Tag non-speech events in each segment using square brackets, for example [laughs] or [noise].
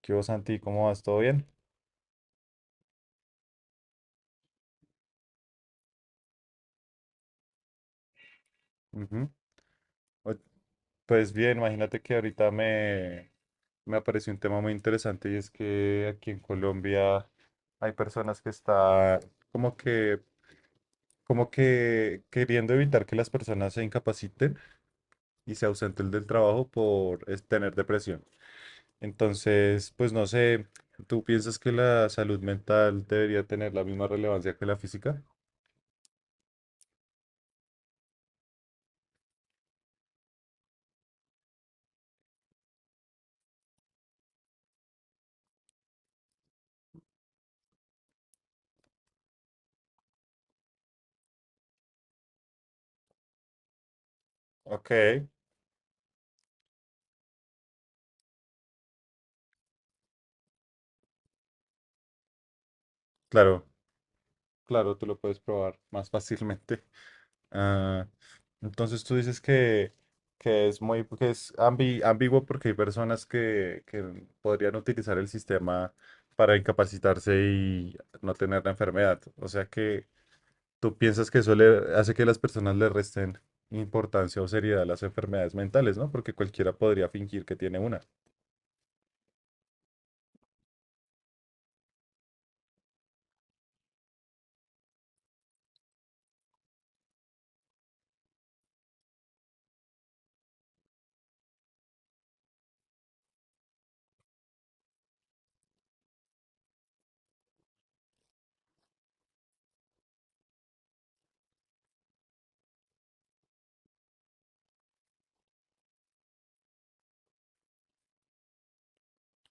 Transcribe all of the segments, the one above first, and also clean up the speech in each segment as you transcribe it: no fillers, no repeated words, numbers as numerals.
¿Qué hubo, Santi? ¿Cómo vas? ¿Todo bien? Ujú. O- Pues bien, imagínate que me apareció un tema muy interesante y es que aquí en Colombia hay personas que están como que, como que queriendo evitar que las personas se incapaciten y se ausenten del trabajo tener depresión. Entonces, pues no sé, ¿tú piensas que la salud mental debería tener la misma relevancia que la física? Ok, claro, claro, tú lo puedes probar más fácilmente. Ah, entonces que es muy, que es ambiguo porque hay que podrían utilizar el sistema para incapacitarse y no tener la enfermedad. O sea que tú piensas que eso le hace que las personas le resten importancia o seriedad a las enfermedades mentales, ¿no? Porque cualquiera podría fingir que tiene una.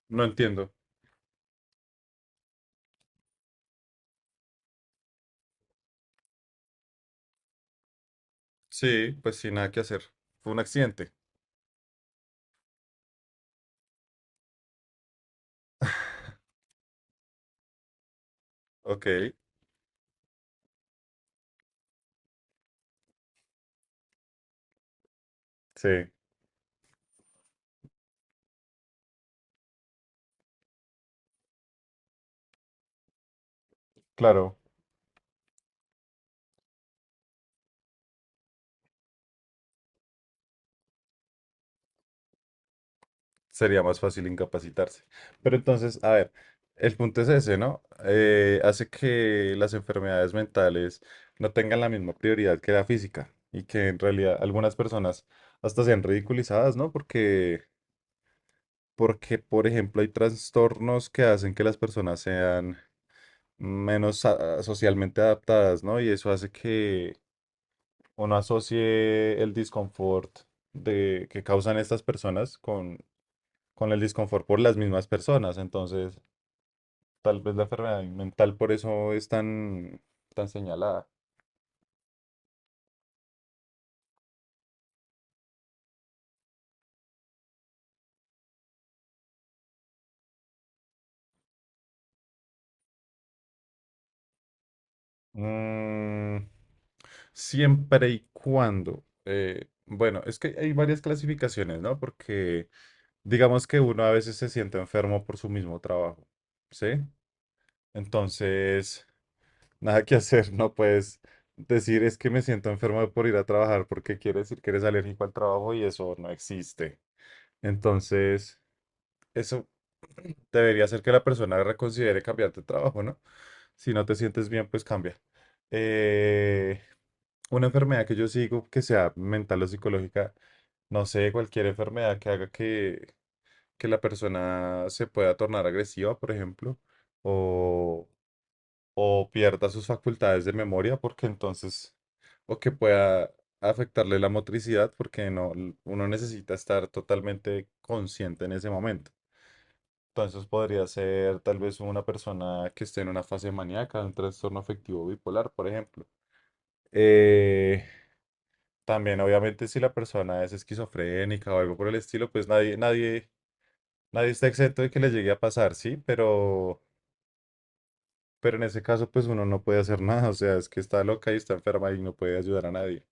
No entiendo. Sí, pues sin nada que hacer. Fue un accidente. Ok, sí, claro, sería más fácil incapacitarse. Pero entonces, a ver, el punto es ese, ¿no? Hace que las enfermedades mentales no tengan la misma prioridad que la física y que en realidad algunas personas hasta sean ridiculizadas, ¿no? Porque, por ejemplo, hay trastornos que hacen que las personas sean menos socialmente adaptadas, ¿no? Y eso hace que uno asocie el disconfort que causan estas personas con el disconfort por las mismas personas. Entonces, tal vez la enfermedad mental por eso es tan señalada. Mm, siempre y cuando. Bueno, es que hay varias clasificaciones, ¿no? Porque digamos que uno a veces se siente enfermo por su mismo trabajo, ¿sí? Entonces, [laughs] nada que hacer, no puedes decir es que me siento enfermo por ir a trabajar porque quiere decir que eres alérgico al trabajo y eso no existe. Entonces, eso [clears throat] debería hacer que la persona reconsidere cambiar de trabajo, ¿no? Si no te sientes bien, pues cambia. Eh, una enfermedad que yo sigo, que sea mental o psicológica, no sé, cualquier enfermedad que haga que la persona se pueda tornar agresiva, por ejemplo, o, o pierda sus facultades de memoria, porque entonces, o que pueda afectarle la motricidad, porque no, uno necesita estar totalmente consciente en ese momento. Entonces podría ser tal vez una persona que esté en una fase maníaca, un trastorno afectivo bipolar, por ejemplo. Eh, También, obviamente, si la persona es esquizofrénica o algo por el estilo, pues nadie está exento de que le llegue a pasar, sí, pero en ese caso, pues uno no puede hacer [laughs] nada. O sea, es que está loca y está enferma y no puede ayudar a nadie.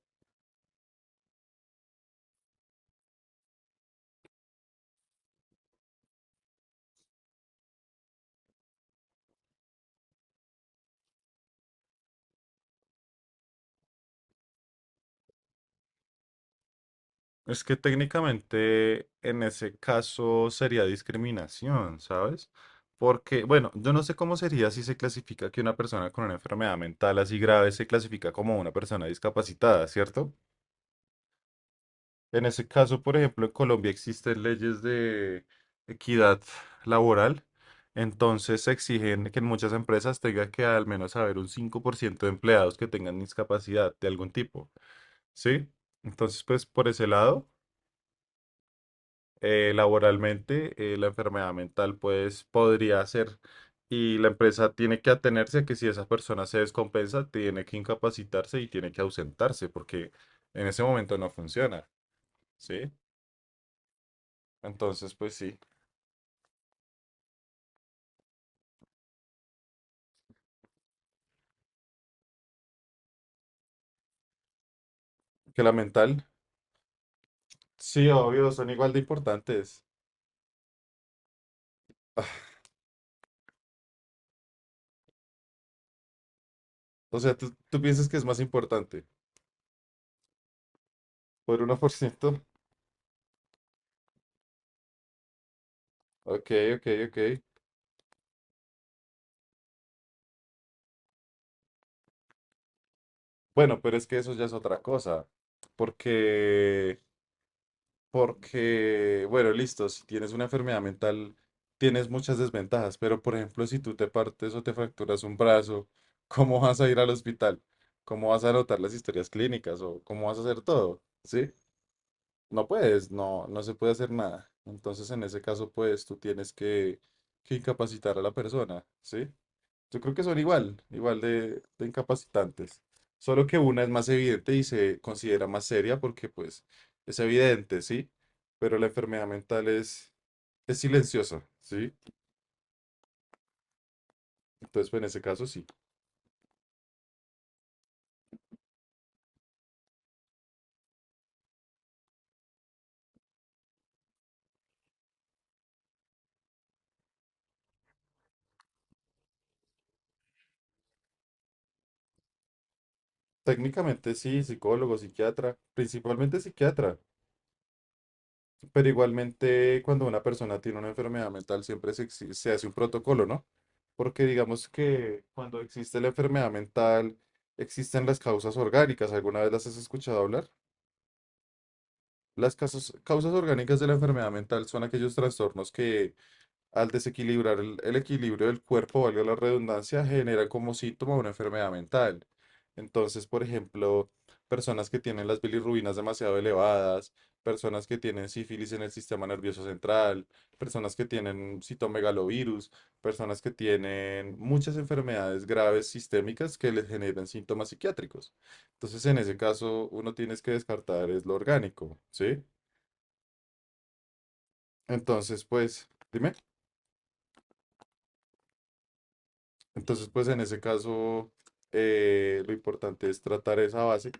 Es que técnicamente en ese caso sería discriminación, ¿sabes? Porque, bueno, yo no sé cómo sería si se clasifica que una persona con una enfermedad mental así grave se clasifica como una persona discapacitada, ¿cierto? En ese caso, por ejemplo, en Colombia existen leyes de equidad laboral, entonces se exigen que en muchas empresas tenga que al menos haber un 5% de empleados que tengan discapacidad de algún tipo, ¿sí? Entonces, pues por ese lado. Laboralmente, la enfermedad mental, pues podría ser. Y la empresa tiene que atenerse a que si esa persona se descompensa, tiene que incapacitarse y tiene que ausentarse, porque en ese momento no funciona, ¿sí? Entonces, pues sí, que la mental, sí, obvio, son igual de importantes. [sighs] O sea, ¿ tú piensas que es más importante? ¿Por 1%? Ok, ok, ok. Bueno, pero es que eso ya es otra cosa, porque porque, bueno, listo, si tienes una enfermedad mental, tienes muchas desventajas, pero por ejemplo, si tú te partes o te fracturas un brazo, [laughs] ¿cómo vas a ir al hospital? ¿Cómo vas a anotar las historias clínicas o cómo vas a hacer todo? ¿Sí? No puedes, no, no se puede hacer nada. Entonces, en ese caso, pues tú tienes que incapacitar a la persona, ¿sí? Yo creo que son igual de incapacitantes. Solo que una es más evidente y se considera más seria porque pues es evidente, ¿sí? Pero la enfermedad mental es silenciosa, ¿sí? Entonces, pues, en ese caso sí. Técnicamente sí, psicólogo, psiquiatra, principalmente psiquiatra, pero igualmente cuando una persona tiene una enfermedad mental siempre se hace un protocolo, ¿no? Porque digamos que cuando existe la enfermedad mental, existen las causas orgánicas, ¿alguna vez las has escuchado hablar? Las causas orgánicas de la enfermedad mental son aquellos trastornos que, al desequilibrar el equilibrio del cuerpo, valga la redundancia, generan como síntoma una enfermedad mental. Entonces, por ejemplo, personas que tienen las bilirrubinas demasiado elevadas, personas que tienen sífilis en el sistema nervioso central, personas que tienen citomegalovirus, personas que tienen muchas enfermedades graves sistémicas que les generan síntomas psiquiátricos. Entonces, en ese caso, uno tienes que descartar es lo orgánico, ¿sí? Entonces, pues, dime. Entonces, pues, en ese caso, lo importante es tratar esa base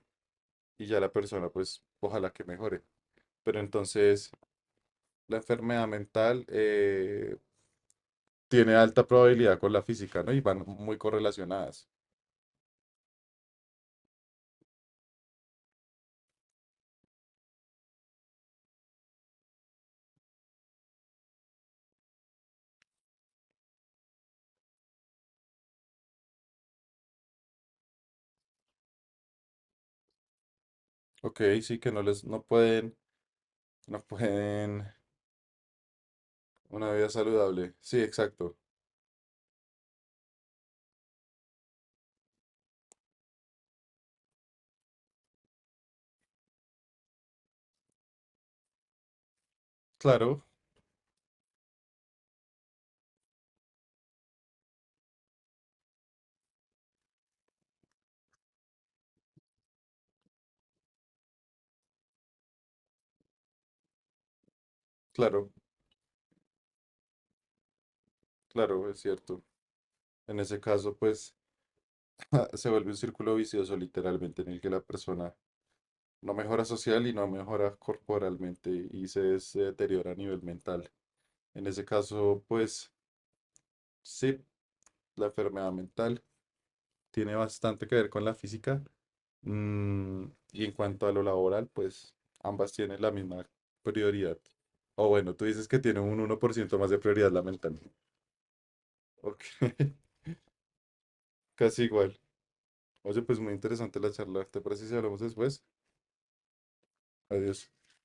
y ya la persona, pues, ojalá que mejore. Pero entonces, la enfermedad mental tiene alta probabilidad con la física, ¿no? Y van muy correlacionadas. Ok, sí, que no les, no pueden una vida saludable. Sí, exacto. Claro, claro, claro, es cierto. En ese caso, pues, [laughs] se vuelve un círculo vicioso, literalmente, en el que la persona no mejora social y no mejora corporalmente y se deteriora a nivel mental. En ese caso, pues sí, la enfermedad mental tiene bastante que ver con la física. mm, y en cuanto a lo laboral, pues ambas tienen la misma prioridad. O bueno, tú dices que tiene un 1% más de prioridad la mental. Ok, [laughs] casi igual. Oye, pues muy interesante la charla. ¿Te parece si hablamos después? Adiós.